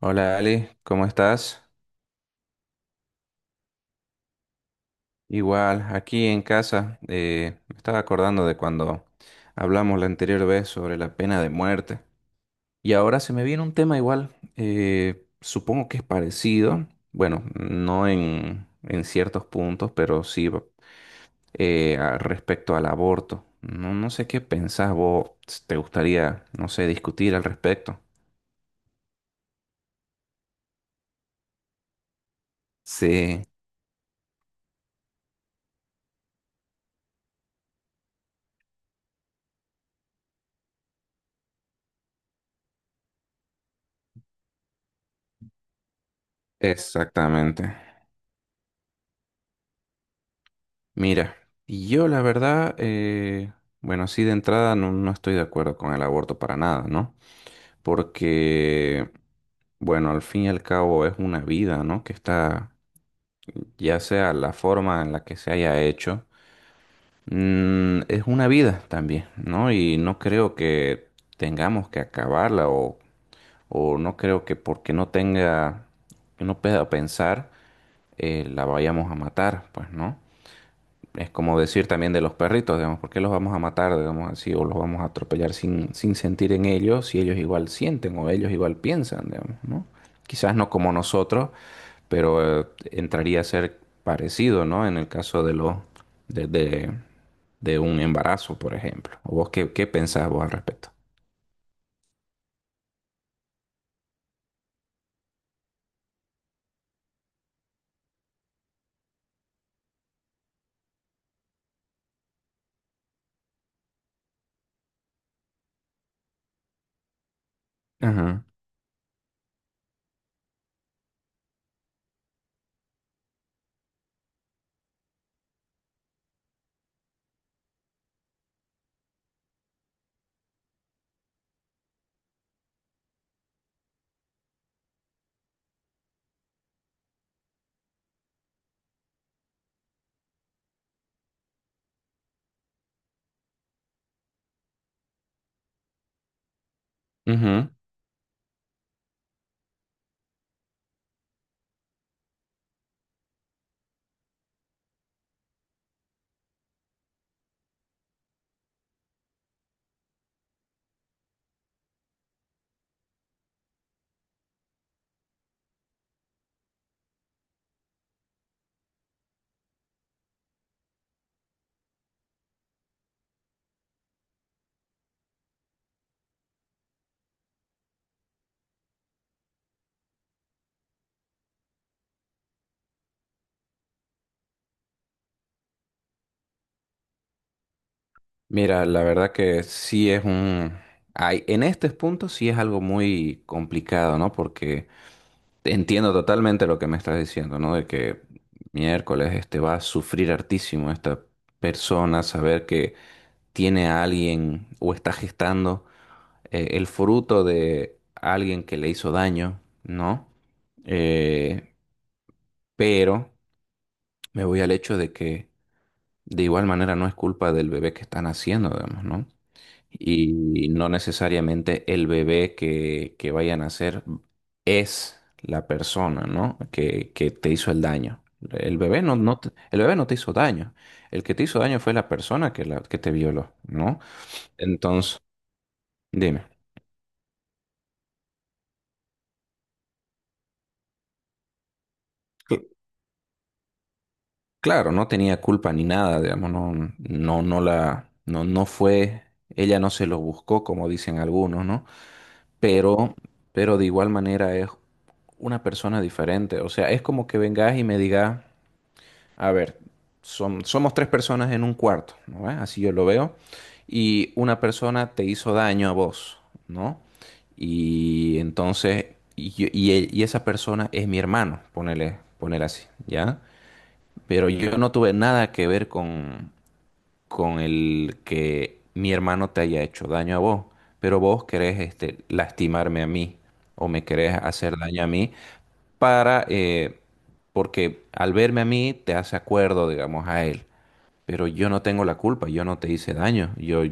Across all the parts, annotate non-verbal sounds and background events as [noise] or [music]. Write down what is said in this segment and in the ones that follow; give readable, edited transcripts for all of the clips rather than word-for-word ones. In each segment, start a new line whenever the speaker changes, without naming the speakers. Hola Ali, ¿cómo estás? Igual, aquí en casa, me estaba acordando de cuando hablamos la anterior vez sobre la pena de muerte. Y ahora se me viene un tema igual, supongo que es parecido, bueno, no en ciertos puntos, pero sí respecto al aborto. No, no sé qué pensás vos, te gustaría, no sé, discutir al respecto. Sí, exactamente. Mira, y yo la verdad, bueno, sí de entrada no, no estoy de acuerdo con el aborto para nada, ¿no? Porque, bueno, al fin y al cabo es una vida, ¿no? Que está, ya sea la forma en la que se haya hecho, es una vida también, ¿no? Y no creo que tengamos que acabarla o no creo que porque no tenga, que no pueda pensar, la vayamos a matar, pues, ¿no? Es como decir también de los perritos, digamos, ¿por qué los vamos a matar, digamos así, o los vamos a atropellar sin, sin sentir en ellos, si ellos igual sienten o ellos igual piensan, digamos, ¿no? Quizás no como nosotros, pero entraría a ser parecido, ¿no? En el caso de los de, de, de un embarazo, por ejemplo. ¿O vos qué, qué pensás vos al respecto? Ajá. Ujú. Mira, la verdad que sí es un... Hay, en este punto sí es algo muy complicado, ¿no? Porque entiendo totalmente lo que me estás diciendo, ¿no? De que miércoles este va a sufrir hartísimo esta persona, saber que tiene a alguien o está gestando el fruto de alguien que le hizo daño, ¿no? Eh, pero me voy al hecho de que de igual manera no es culpa del bebé que están haciendo, digamos, ¿no? Y no necesariamente el bebé que vayan a nacer es la persona, ¿no? Que te hizo el daño. El bebé no, no te, el bebé no te hizo daño. El que te hizo daño fue la persona que, la, que te violó, ¿no? Entonces, dime. Cl- Claro, no tenía culpa ni nada, digamos, no, no, no la, no, no fue, ella no se lo buscó, como dicen algunos, ¿no? Pero, pero de igual manera es una persona diferente. O sea, es como que vengas y me digas. A ver, somos tres personas en un cuarto, ¿no? ¿Ve? Así yo lo veo. Y una persona te hizo daño a vos, ¿no? Y entonces, y esa persona es mi hermano, ponele, ponele así, ¿ya? Pero yo no tuve nada que ver con el que mi hermano te haya hecho daño a vos, pero vos querés este, lastimarme a mí o me querés hacer daño a mí para, porque al verme a mí te hace acuerdo, digamos, a él. Pero yo no tengo la culpa, yo no te hice daño, yo,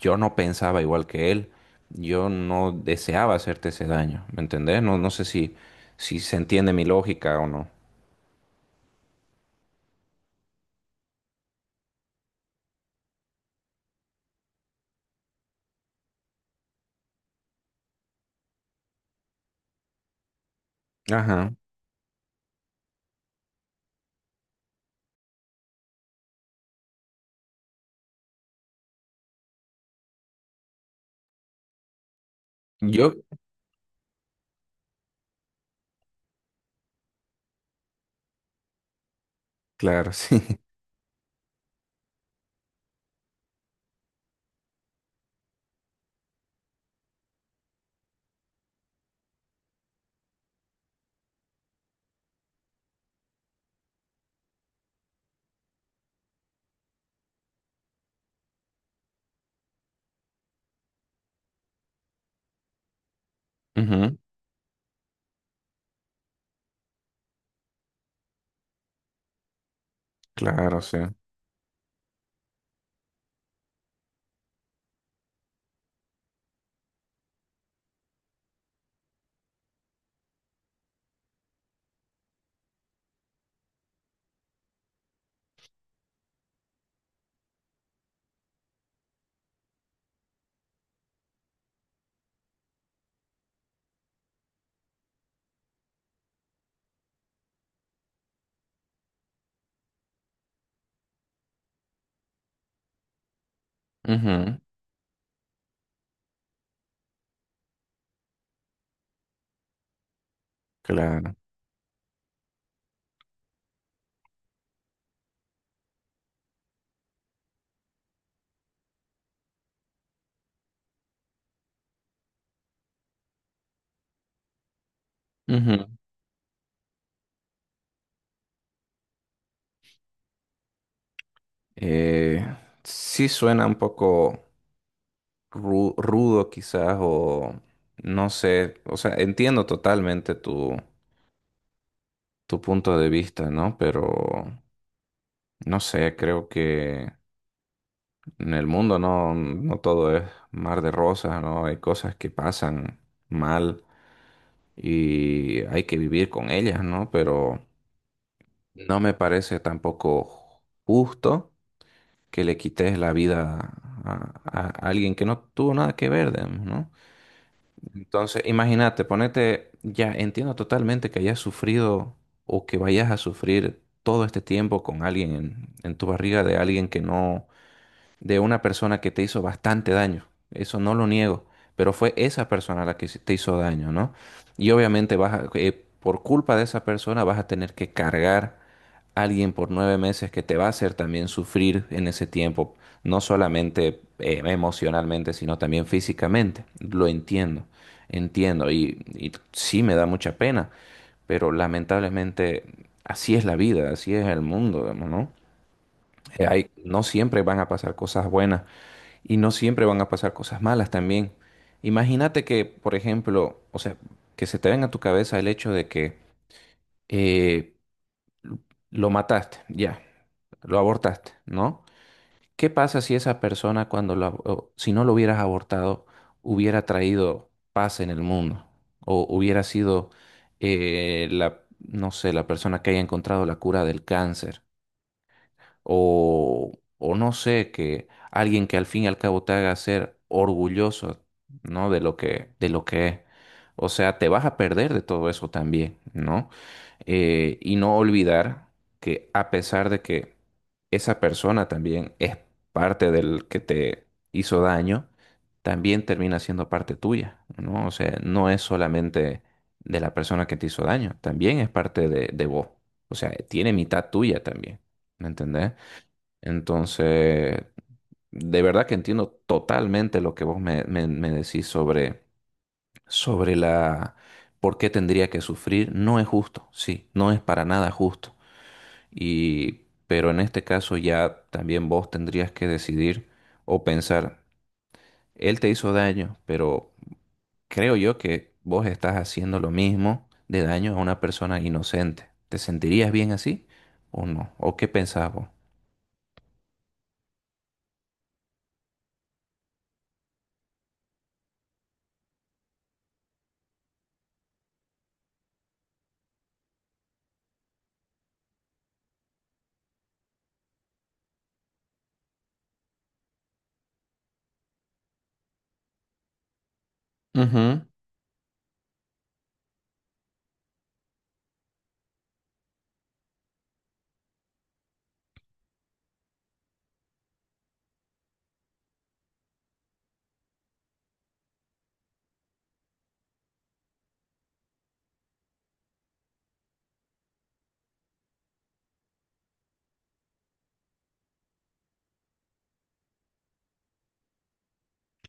yo no pensaba igual que él, yo no deseaba hacerte ese daño, ¿me entendés? No, no sé si, si se entiende mi lógica o no. Ajá. Yo, claro, sí. [laughs] Ujú, claro, sí. Ujú. Claro. Ujú. Eh, sí suena un poco rudo quizás o no sé, o sea, entiendo totalmente tu, tu punto de vista, ¿no? Pero no sé, creo que en el mundo no, no todo es mar de rosas, ¿no? Hay cosas que pasan mal y hay que vivir con ellas, ¿no? Pero no me parece tampoco justo que le quites la vida a, alguien que no tuvo nada que ver, digamos, ¿no? Entonces, imagínate, ponete, ya entiendo totalmente que hayas sufrido o que vayas a sufrir todo este tiempo con alguien en tu barriga de alguien que no de una persona que te hizo bastante daño. Eso no lo niego, pero fue esa persona la que te hizo daño, ¿no? Y obviamente por culpa de esa persona vas a tener que cargar a alguien por 9 meses que te va a hacer también sufrir en ese tiempo, no solamente emocionalmente, sino también físicamente. Lo entiendo, entiendo y sí me da mucha pena, pero lamentablemente así es la vida, así es el mundo, digamos, ¿no? No siempre van a pasar cosas buenas y no siempre van a pasar cosas malas también. Imagínate que, por ejemplo, o sea, que se te venga a tu cabeza el hecho de que eh, lo mataste, ya, lo abortaste, ¿no? ¿Qué pasa si esa persona, cuando o si no lo hubieras abortado, hubiera traído paz en el mundo? O hubiera sido la, no sé, la persona que haya encontrado la cura del cáncer. O, o no sé, que alguien que al fin y al cabo te haga ser orgulloso, ¿no? De lo que es. O sea, te vas a perder de todo eso también, ¿no? Y no olvidar que a pesar de que esa persona también es parte del que te hizo daño, también termina siendo parte tuya, ¿no? O sea, no es solamente de la persona que te hizo daño, también es parte de vos. O sea, tiene mitad tuya también, ¿me entendés? Entonces, de verdad que entiendo totalmente lo que vos me, me decís sobre, sobre la por qué tendría que sufrir. No es justo, sí, no es para nada justo. Y, pero en este caso ya también vos tendrías que decidir o pensar, él te hizo daño, pero creo yo que vos estás haciendo lo mismo de daño a una persona inocente. ¿Te sentirías bien así o no? ¿O qué pensás vos? Ujú,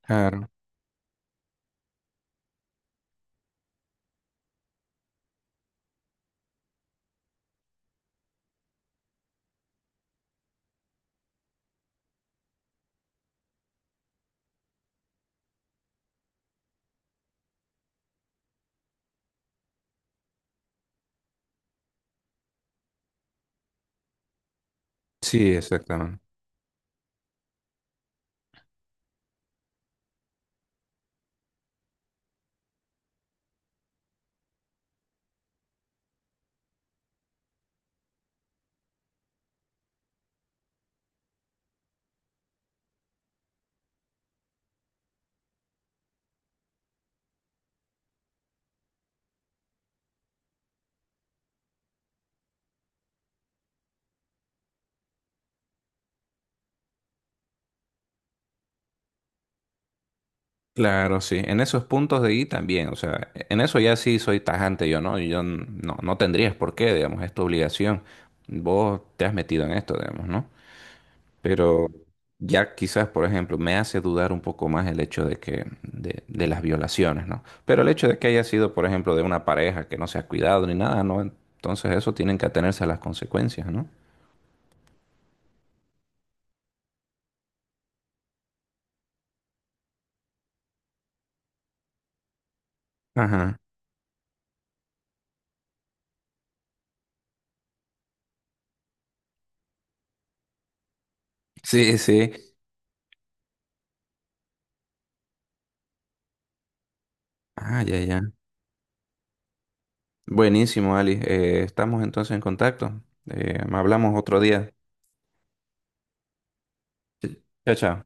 claro. Sí, exactamente. Claro, sí. En esos puntos de ahí también, o sea, en eso ya sí soy tajante yo, ¿no? Yo no, no tendrías por qué, digamos, es tu obligación. Vos te has metido en esto, digamos, ¿no? Pero ya quizás, por ejemplo, me hace dudar un poco más el hecho de que, de las violaciones, ¿no? Pero el hecho de que haya sido, por ejemplo, de una pareja que no se ha cuidado ni nada, ¿no? Entonces eso tienen que atenerse a las consecuencias, ¿no? Ajá. Sí, sí. Ah, ya, ya. Buenísimo, Ali. Estamos entonces en contacto. Hablamos otro día. Chao, chao.